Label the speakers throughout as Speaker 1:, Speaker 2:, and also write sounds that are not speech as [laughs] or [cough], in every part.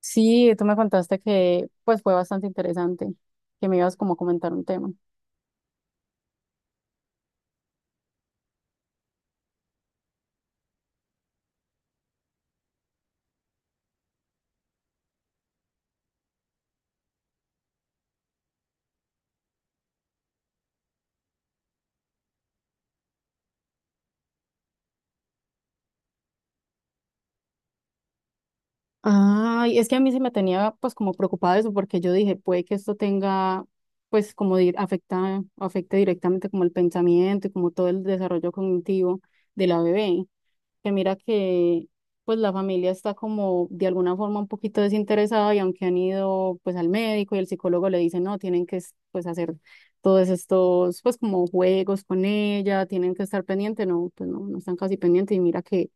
Speaker 1: Sí, tú me contaste que pues fue bastante interesante, que me ibas como a comentar un tema. Ay, es que a mí sí me tenía pues como preocupada eso porque yo dije, puede que esto tenga pues como di- afecta afecte directamente como el pensamiento y como todo el desarrollo cognitivo de la bebé. Que mira que pues la familia está como de alguna forma un poquito desinteresada y aunque han ido pues al médico y el psicólogo le dice no, tienen que pues hacer todos estos pues como juegos con ella, tienen que estar pendiente, no, pues no están casi pendientes y mira que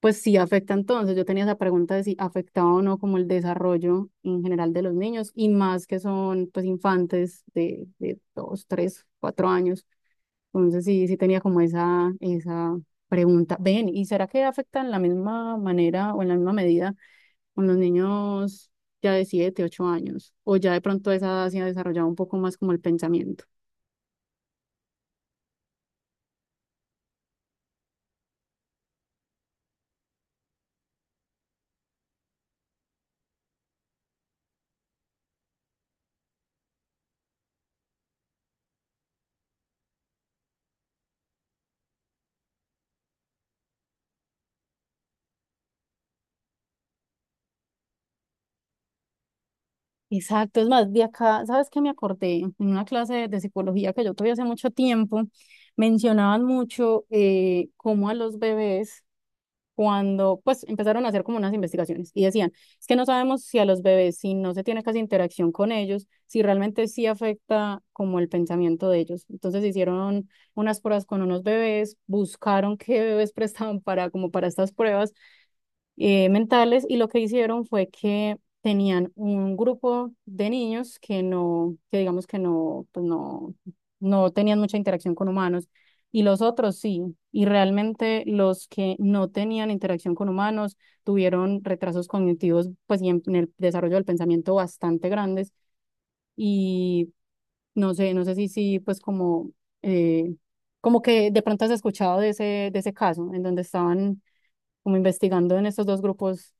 Speaker 1: pues sí afecta entonces, yo tenía esa pregunta de si afectaba o no como el desarrollo en general de los niños y más que son pues infantes de 2, 3, 4 años. Entonces sí, sí tenía como esa pregunta. Ven, ¿y será que afectan de la misma manera o en la misma medida con los niños ya de 7 8 años? O ya de pronto a esa edad se ha desarrollado un poco más como el pensamiento. Exacto, es más, de acá, ¿sabes qué me acordé? En una clase de psicología que yo tuve hace mucho tiempo, mencionaban mucho cómo a los bebés cuando pues empezaron a hacer como unas investigaciones y decían, es que no sabemos si a los bebés, si no se tiene casi interacción con ellos, si realmente sí afecta como el pensamiento de ellos. Entonces hicieron unas pruebas con unos bebés, buscaron qué bebés [laughs] prestaban para como para estas pruebas mentales y lo que hicieron fue que tenían un grupo de niños que no, que digamos que no, pues no tenían mucha interacción con humanos y los otros sí. Y realmente los que no tenían interacción con humanos tuvieron retrasos cognitivos, pues y en el desarrollo del pensamiento bastante grandes y no sé, no sé si sí, pues eh, como que de pronto has escuchado de ese caso, en donde estaban como investigando en estos dos grupos.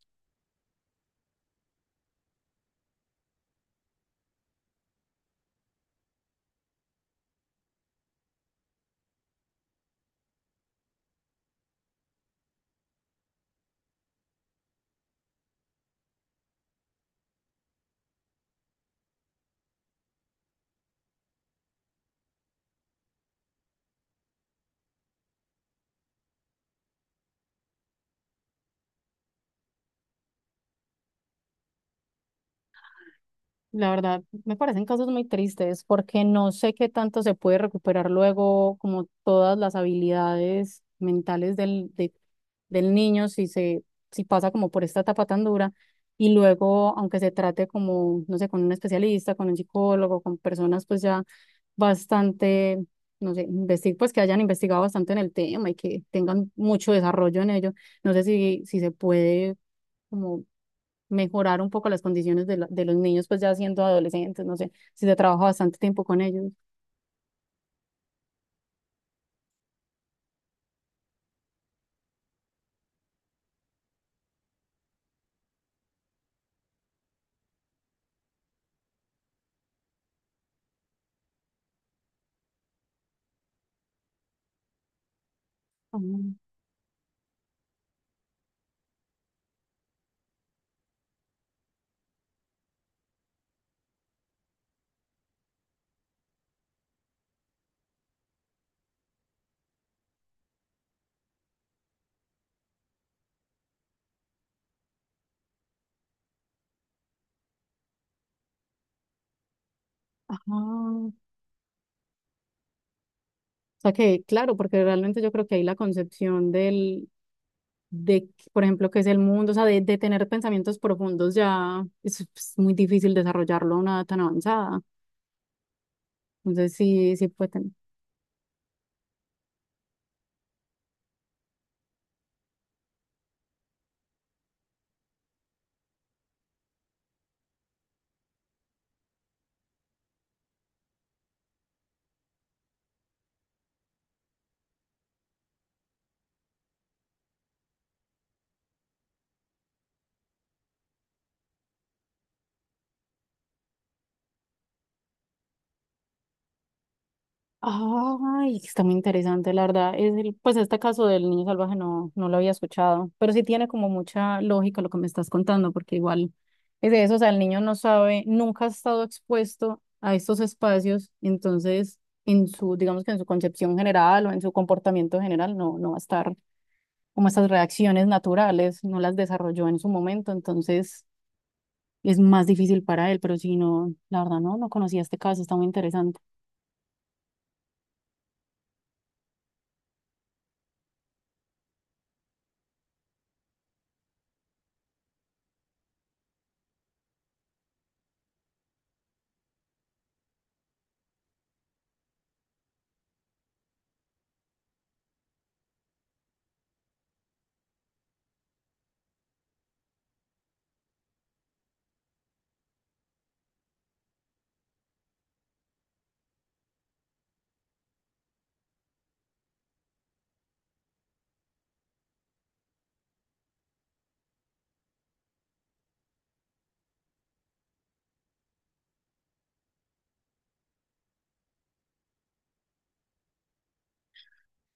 Speaker 1: La verdad, me parecen casos muy tristes porque no sé qué tanto se puede recuperar luego como todas las habilidades mentales del niño si pasa como por esta etapa tan dura y luego, aunque se trate como, no sé, con un especialista, con un psicólogo, con personas pues ya bastante, no sé, investig pues que hayan investigado bastante en el tema y que tengan mucho desarrollo en ello, no sé si se puede como mejorar un poco las condiciones de los niños, pues ya siendo adolescentes, no sé, si se trabaja bastante tiempo con ellos. Ah. Ajá. O sea que, claro, porque realmente yo creo que ahí la concepción de por ejemplo, qué es el mundo, o sea, de tener pensamientos profundos ya es, pues, muy difícil desarrollarlo a una edad tan avanzada. Entonces sí, sí puede. Ay, está muy interesante, la verdad. Es pues este caso del niño salvaje no lo había escuchado, pero sí tiene como mucha lógica lo que me estás contando, porque igual es de eso, o sea, el niño no sabe, nunca ha estado expuesto a estos espacios, entonces en su, digamos que en su concepción general o en su comportamiento general no va a estar como estas reacciones naturales, no las desarrolló en su momento, entonces es más difícil para él, pero si no, la verdad no conocía este caso, está muy interesante.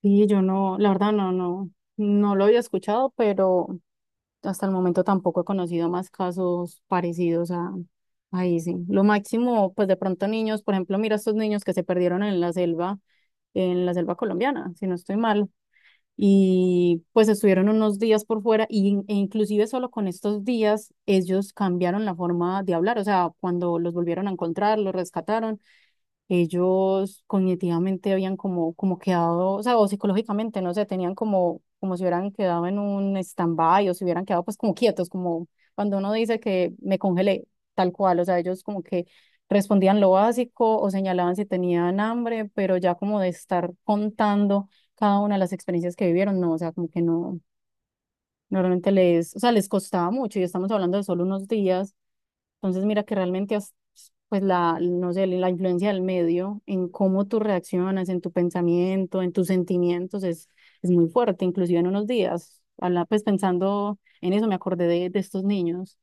Speaker 1: Sí, yo no, la verdad no, no lo había escuchado, pero hasta el momento tampoco he conocido más casos parecidos a ese. Lo máximo, pues de pronto niños, por ejemplo, mira estos niños que se perdieron en la selva colombiana, si no estoy mal, y pues estuvieron unos días por fuera y, e inclusive solo con estos días ellos cambiaron la forma de hablar, o sea, cuando los volvieron a encontrar, los rescataron ellos cognitivamente habían como quedado, o sea, o psicológicamente, no sé, tenían como, como si hubieran quedado en un stand-by o si hubieran quedado pues como quietos, como cuando uno dice que me congelé, tal cual, o sea, ellos como que respondían lo básico o señalaban si tenían hambre, pero ya como de estar contando cada una de las experiencias que vivieron, no, o sea, como que no, normalmente les, o sea, les costaba mucho y estamos hablando de solo unos días. Entonces, mira que realmente, pues la, no sé, la influencia del medio en cómo tú reaccionas, en tu pensamiento, en tus sentimientos, es muy fuerte, inclusive en unos días. Habla, pues pensando en eso, me acordé de estos niños.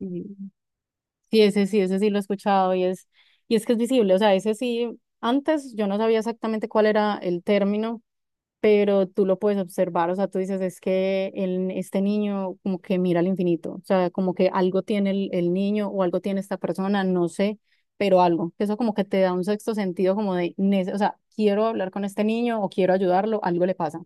Speaker 1: Y sí, ese sí lo he escuchado y es que es visible, o sea, ese sí, antes yo no sabía exactamente cuál era el término pero tú lo puedes observar, o sea, tú dices, es que este niño como que mira al infinito, o sea, como que algo tiene el niño o algo tiene esta persona, no sé, pero algo. Eso como que te da un sexto sentido como o sea, quiero hablar con este niño o quiero ayudarlo, algo le pasa.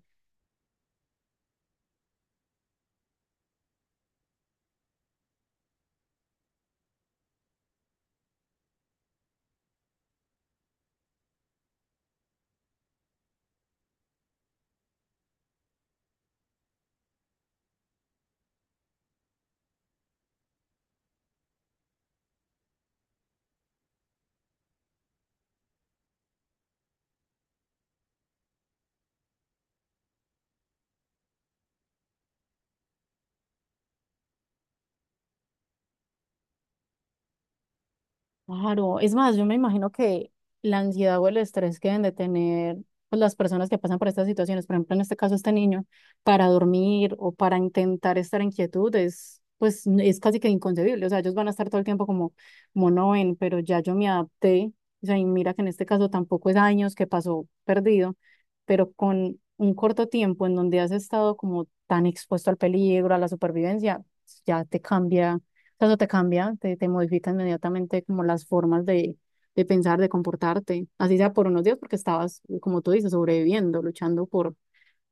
Speaker 1: Claro, es más, yo me imagino que la ansiedad o el estrés que deben de tener pues, las personas que pasan por estas situaciones, por ejemplo, en este caso este niño, para dormir o para intentar estar en quietud es, pues, n- es casi que inconcebible. O sea, ellos van a estar todo el tiempo como no ven, pero ya yo me adapté. O sea, y mira que en este caso tampoco es años que pasó perdido, pero con un corto tiempo en donde has estado como tan expuesto al peligro, a la supervivencia, ya te cambia. Eso te cambia, te modifica inmediatamente como las formas de pensar, de comportarte, así sea por unos días, porque estabas, como tú dices, sobreviviendo, luchando por,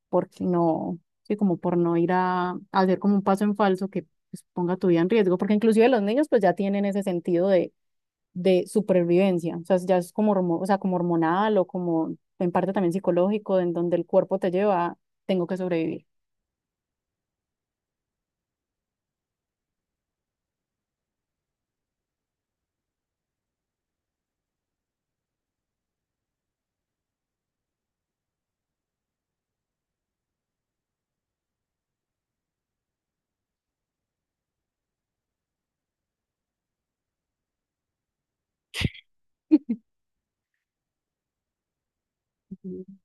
Speaker 1: por no, sí, como por no ir a hacer como un paso en falso que pues, ponga tu vida en riesgo, porque inclusive los niños pues ya tienen ese sentido de supervivencia, o sea, ya es como, o sea, como hormonal o como en parte también psicológico, en donde el cuerpo te lleva, tengo que sobrevivir. Ujú.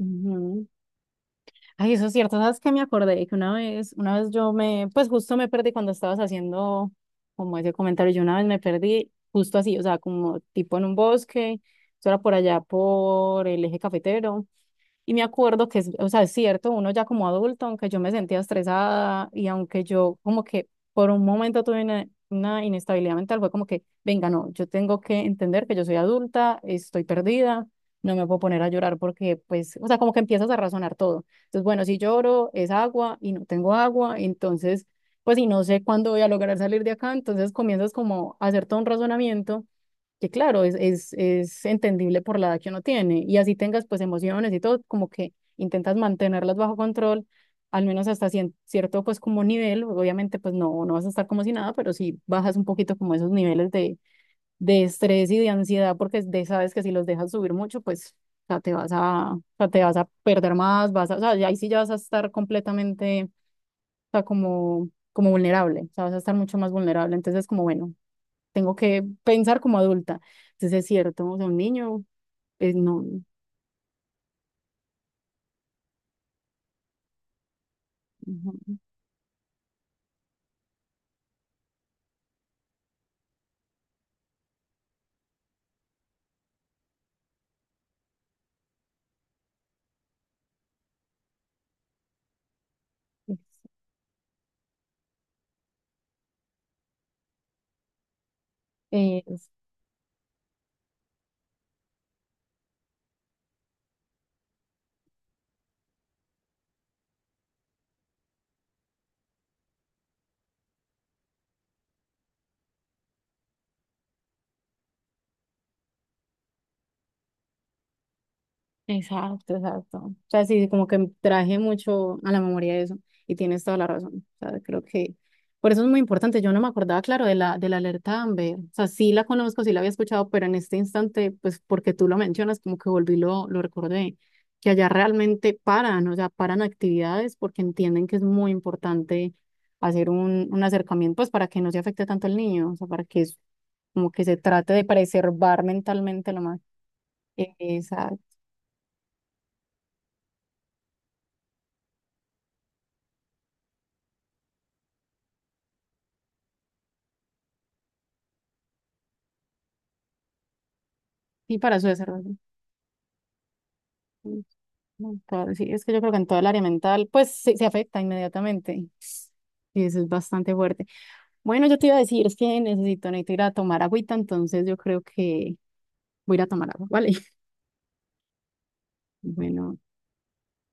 Speaker 1: Ujú. Ay, eso es cierto, sabes que me acordé que una vez pues justo me perdí cuando estabas haciendo como ese comentario, yo una vez me perdí justo así, o sea, como tipo en un bosque, eso era por allá por el eje cafetero, y me acuerdo que, es, o sea, es cierto, uno ya como adulto, aunque yo me sentía estresada y aunque yo como que por un momento tuve una inestabilidad mental, fue como que, venga, no, yo tengo que entender que yo soy adulta, estoy perdida, no me puedo poner a llorar porque, pues, o sea, como que empiezas a razonar todo. Entonces, bueno, si lloro es agua y no tengo agua, entonces, pues, y no sé cuándo voy a lograr salir de acá, entonces comienzas como a hacer todo un razonamiento que claro, es entendible por la edad que uno tiene. Y así tengas pues emociones y todo, como que intentas mantenerlas bajo control, al menos hasta cierto pues como nivel. Obviamente pues no, no vas a estar como si nada, pero sí bajas un poquito como esos niveles de estrés y de ansiedad, porque de, sabes que si los dejas subir mucho, pues o sea, te vas a, o sea, te vas a perder más, vas a, o sea, ahí sí ya vas a estar completamente, o sea, como, como vulnerable, o sea, vas a estar mucho más vulnerable. Entonces como bueno tengo que pensar como adulta. Entonces es cierto, o sea, un niño, pues no, no, no, no, es, Exacto, exacto. O sea, sí, como que traje mucho a la memoria eso y tienes toda la razón. O sea, creo que por eso es muy importante. Yo no me acordaba, claro, de la alerta Amber. O sea, sí la conozco, sí la había escuchado, pero en este instante, pues porque tú lo mencionas, como que volví, lo recordé, que allá realmente paran, o sea, paran actividades porque entienden que es muy importante hacer un acercamiento, pues para que no se afecte tanto al niño, o sea, para que es como que se trate de preservar mentalmente lo más. Exacto. Y para su desarrollo. Mm, sí, es que yo creo que en todo el área mental, pues sí, se afecta inmediatamente. Y eso es bastante fuerte. Bueno, yo te iba a decir, es que necesito ir a tomar agüita, entonces yo creo que voy a ir a tomar agua, ¿vale? [laughs] Bueno.